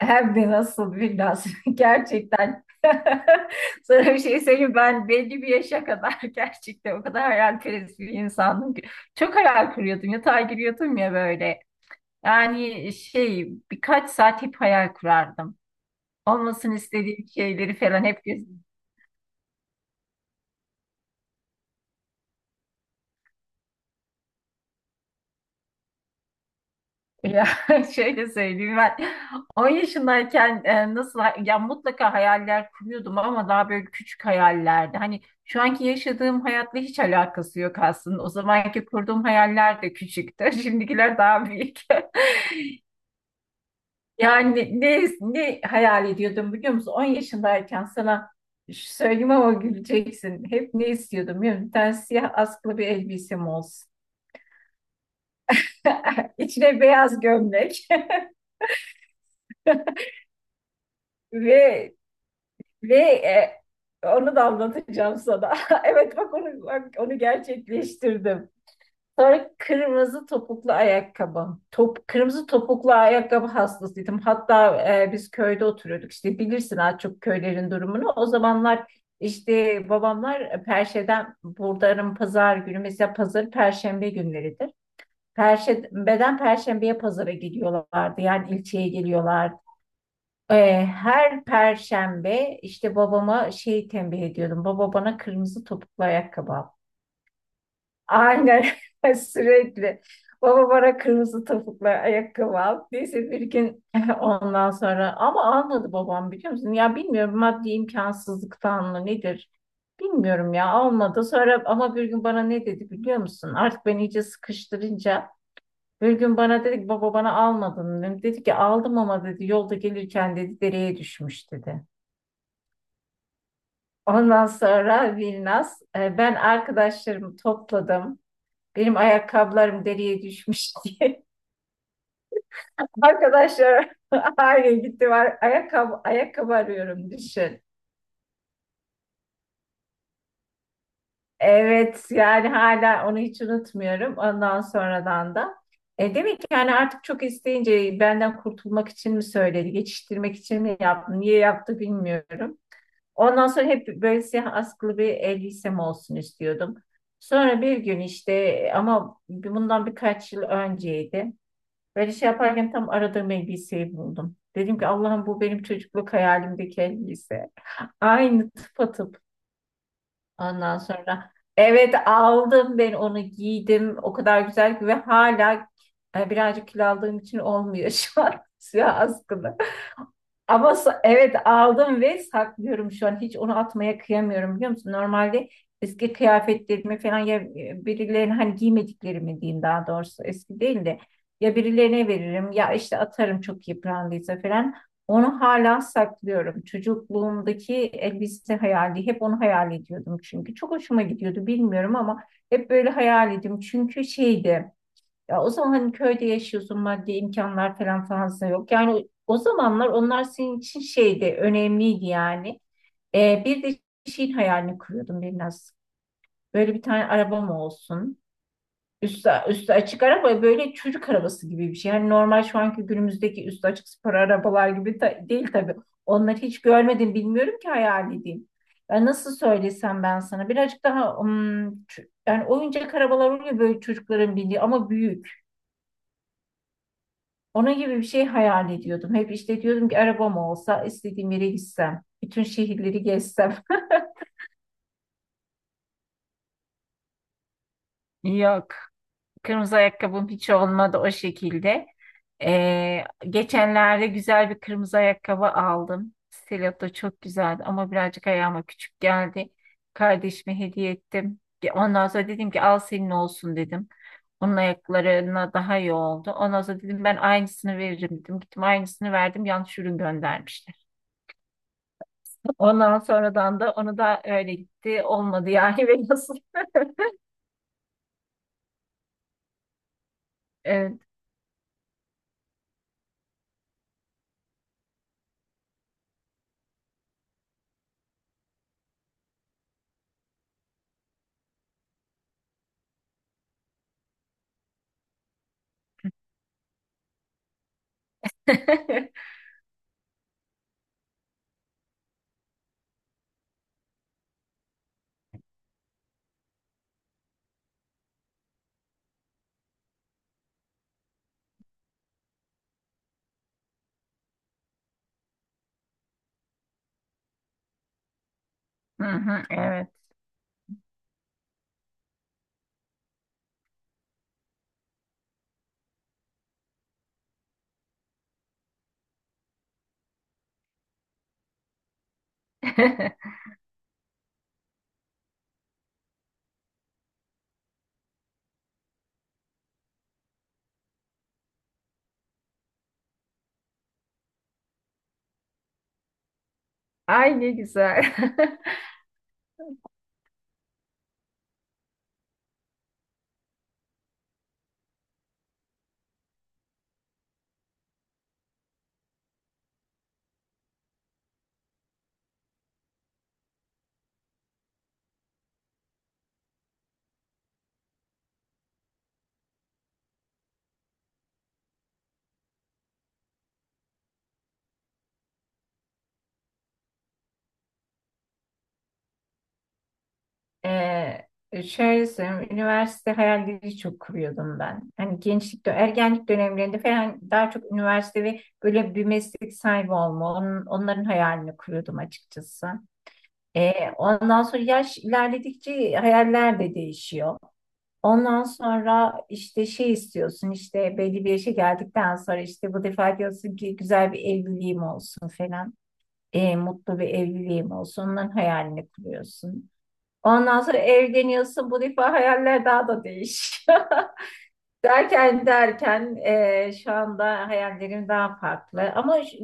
Hem de nasıl, bir nasıl gerçekten. Sana bir şey söyleyeyim, ben belli bir yaşa kadar gerçekten o kadar hayalperest bir insandım ki. Çok hayal kuruyordum, yatağa giriyordum ya böyle. Yani şey, birkaç saat hep hayal kurardım. Olmasını istediğim şeyleri falan hep. Ya, şöyle söyleyeyim, ben 10 yaşındayken nasıl, ya mutlaka hayaller kuruyordum ama daha böyle küçük hayallerdi. Hani şu anki yaşadığım hayatla hiç alakası yok aslında. O zamanki kurduğum hayaller de küçüktü. Şimdikiler daha büyük. Yani ne hayal ediyordum biliyor musun? 10 yaşındayken sana şu söyleyeyim ama güleceksin. Hep ne istiyordum biliyor musun? Bir tane siyah askılı bir elbisem olsun. İçine beyaz gömlek. Ve Ve e, onu da anlatacağım sana. Evet, bak onu, bak onu gerçekleştirdim. Sonra kırmızı topuklu ayakkabı. Kırmızı topuklu ayakkabı hastasıydım. Hatta biz köyde oturuyorduk. İşte bilirsin az çok köylerin durumunu. O zamanlar işte babamlar Perşe'den buradanın pazar günü, mesela pazar Perşembe günleridir. Perşembe'den Perşembe'ye pazara gidiyorlardı. Yani ilçeye geliyorlardı. Her perşembe işte babama şey tembih ediyordum. Baba, bana kırmızı topuklu ayakkabı al. Aynen, sürekli. Baba, bana kırmızı topuklu ayakkabı al. Neyse, bir gün ondan sonra ama almadı babam, biliyor musun? Ya, bilmiyorum, maddi imkansızlıktan mı nedir? Bilmiyorum ya, almadı. Sonra ama bir gün bana ne dedi biliyor musun? Artık ben iyice sıkıştırınca bir gün bana dedi ki, baba bana almadın mı? Dedi ki aldım ama, dedi, yolda gelirken, dedi, dereye düşmüş, dedi. Ondan sonra Vilnas, ben arkadaşlarımı topladım. Benim ayakkabılarım deriye düşmüş diye. Arkadaşlar, aynen gitti var. Ayakkabı arıyorum, düşün. Evet, yani hala onu hiç unutmuyorum. Ondan sonradan da. Demek ki yani artık çok isteyince benden kurtulmak için mi söyledi, geçiştirmek için mi yaptı, niye yaptı bilmiyorum. Ondan sonra hep böyle siyah askılı bir elbisem olsun istiyordum. Sonra bir gün işte, ama bundan birkaç yıl önceydi. Böyle şey yaparken tam aradığım elbiseyi buldum. Dedim ki Allah'ım, bu benim çocukluk hayalimdeki elbise. Aynı, tıpatıp. Ondan sonra evet, aldım, ben onu giydim. O kadar güzel ki, ve hala birazcık kilo aldığım için olmuyor şu an, siyah askılı. Ama evet aldım ve saklıyorum şu an. Hiç onu atmaya kıyamıyorum, biliyor musun? Normalde eski kıyafetlerimi falan, ya birilerine, hani giymediklerimi diyeyim daha doğrusu, eski değil de, ya birilerine veririm ya işte atarım çok yıprandıysa falan. Onu hala saklıyorum. Çocukluğumdaki elbise hayali, hep onu hayal ediyordum çünkü. Çok hoşuma gidiyordu, bilmiyorum ama hep böyle hayal ediyordum. Çünkü şeydi. Ya o zaman hani köyde yaşıyorsun, maddi imkanlar falan fazla yok. Yani o zamanlar onlar senin için şeydi, önemliydi yani. Bir de şeyin hayalini kuruyordum biraz. Böyle bir tane arabam olsun. Üstü açık araba, böyle çocuk arabası gibi bir şey. Yani normal şu anki günümüzdeki üstü açık spor arabalar gibi değil tabii. Onları hiç görmedim, bilmiyorum ki hayal edeyim. Ya nasıl söylesem ben sana birazcık daha yani oyuncak arabalar oluyor böyle, çocukların bindiği ama büyük. Onun gibi bir şey hayal ediyordum. Hep işte diyordum ki arabam olsa, istediğim yere gitsem, bütün şehirleri gezsem. Yok. Kırmızı ayakkabım hiç olmadı o şekilde. Ee, Geçenlerde güzel bir kırmızı ayakkabı aldım. Stiletto, çok güzeldi ama birazcık ayağıma küçük geldi. Kardeşime hediye ettim. Ya, ondan sonra dedim ki al senin olsun, dedim. Onun ayaklarına daha iyi oldu. Ondan sonra dedim ben aynısını veririm, dedim. Gittim, aynısını verdim. Yanlış ürün göndermiş. Ondan sonradan da onu da öyle gitti. Olmadı yani, ve nasıl? Evet. Hı hı, evet. Ay, ne güzel. Ee, Şöyle söyleyeyim, üniversite hayalleri çok kuruyordum ben. Hani gençlik, ergenlik dönemlerinde falan daha çok üniversite ve böyle bir meslek sahibi olma, onların hayalini kuruyordum açıkçası. Ondan sonra yaş ilerledikçe hayaller de değişiyor. Ondan sonra işte şey istiyorsun, işte belli bir yaşa geldikten sonra işte bu defa diyorsun ki güzel bir evliliğim olsun falan. E, mutlu bir evliliğim olsun. Onların hayalini kuruyorsun. Ondan sonra evleniyorsun. Bu defa hayaller daha da değişiyor. Derken derken şu anda hayallerim daha farklı. Ama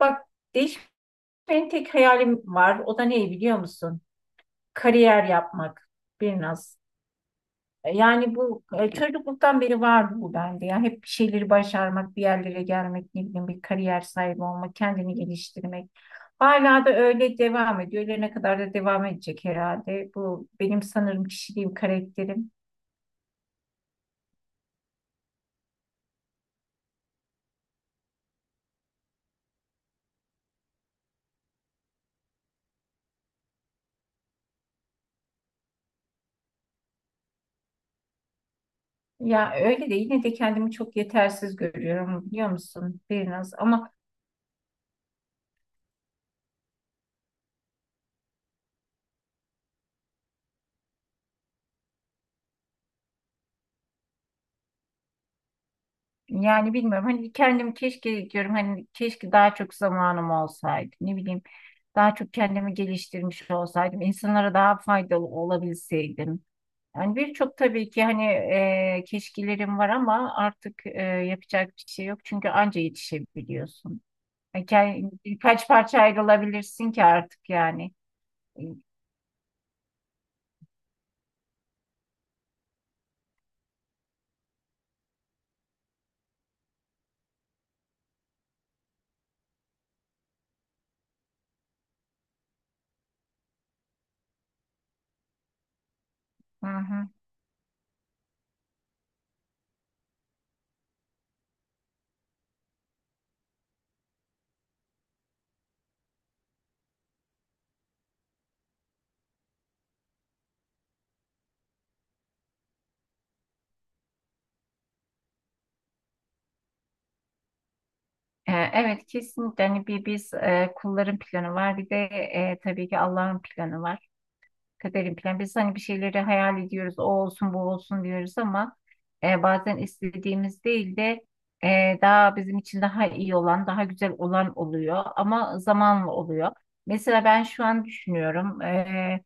bak, değişmeyen tek hayalim var. O da ne biliyor musun? Kariyer yapmak. Biraz. Yani bu çocukluktan beri vardı bu bende. Ya hep bir şeyleri başarmak, bir yerlere gelmek, ne bileyim bir kariyer sahibi olmak, kendini geliştirmek. Hala da öyle devam ediyor. Ölene kadar da devam edecek herhalde. Bu benim sanırım kişiliğim, karakterim. Ya öyle de yine de kendimi çok yetersiz görüyorum, biliyor musun, biraz ama. Yani bilmiyorum, hani kendim keşke diyorum, hani keşke daha çok zamanım olsaydı, ne bileyim, daha çok kendimi geliştirmiş olsaydım, insanlara daha faydalı olabilseydim. Yani birçok tabii ki hani keşkelerim var ama artık yapacak bir şey yok çünkü anca yetişebiliyorsun. Yani birkaç parça ayrılabilirsin ki artık yani. Hı hı. Evet, kesinlikle. Hani bir biz kulların planı var, bir de tabii ki Allah'ın planı var. Kaderin planı. Biz hani bir şeyleri hayal ediyoruz, o olsun bu olsun diyoruz ama bazen istediğimiz değil de daha bizim için daha iyi olan, daha güzel olan oluyor ama zamanla oluyor. Mesela ben şu an düşünüyorum.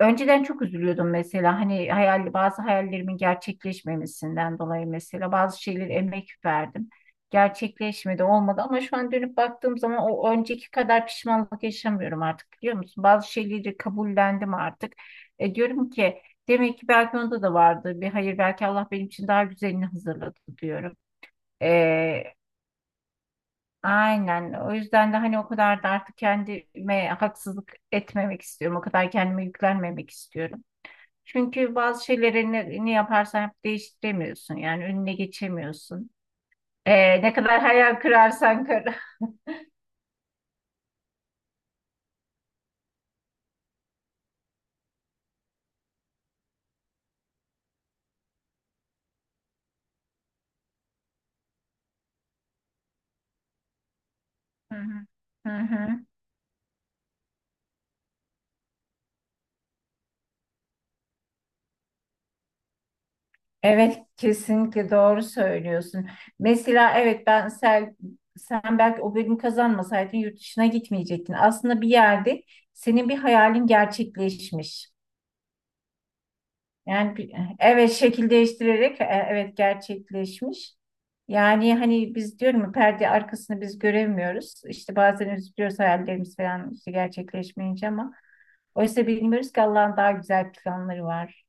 Önceden çok üzülüyordum mesela, hani hayal, bazı hayallerimin gerçekleşmemesinden dolayı, mesela bazı şeyleri emek verdim. Gerçekleşmedi, olmadı ama şu an dönüp baktığım zaman o önceki kadar pişmanlık yaşamıyorum artık, biliyor musun? Bazı şeyleri kabullendim artık. Diyorum ki demek ki belki onda da vardı bir hayır, belki Allah benim için daha güzelini hazırladı diyorum. E, aynen, o yüzden de hani o kadar da artık kendime haksızlık etmemek istiyorum. O kadar kendime yüklenmemek istiyorum. Çünkü bazı şeyleri ne yaparsan yap değiştiremiyorsun. Yani önüne geçemiyorsun. Ne kadar hayal kırarsan kır. Hı hı. Hı hı. Evet, kesinlikle doğru söylüyorsun. Mesela evet, sen belki o bölüm kazanmasaydın yurt dışına gitmeyecektin. Aslında bir yerde senin bir hayalin gerçekleşmiş. Yani evet, şekil değiştirerek evet gerçekleşmiş. Yani hani biz, diyorum ya, perde arkasını biz göremiyoruz. İşte bazen üzülüyoruz, hayallerimiz falan işte gerçekleşmeyince, ama oysa bilmiyoruz ki Allah'ın daha güzel planları var.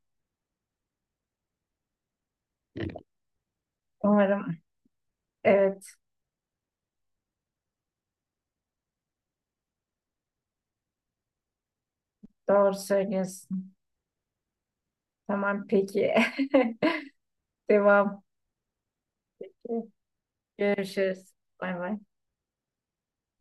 Umarım. Evet, doğru söylüyorsun. Tamam, peki. Devam. Görüşürüz. Bay bay.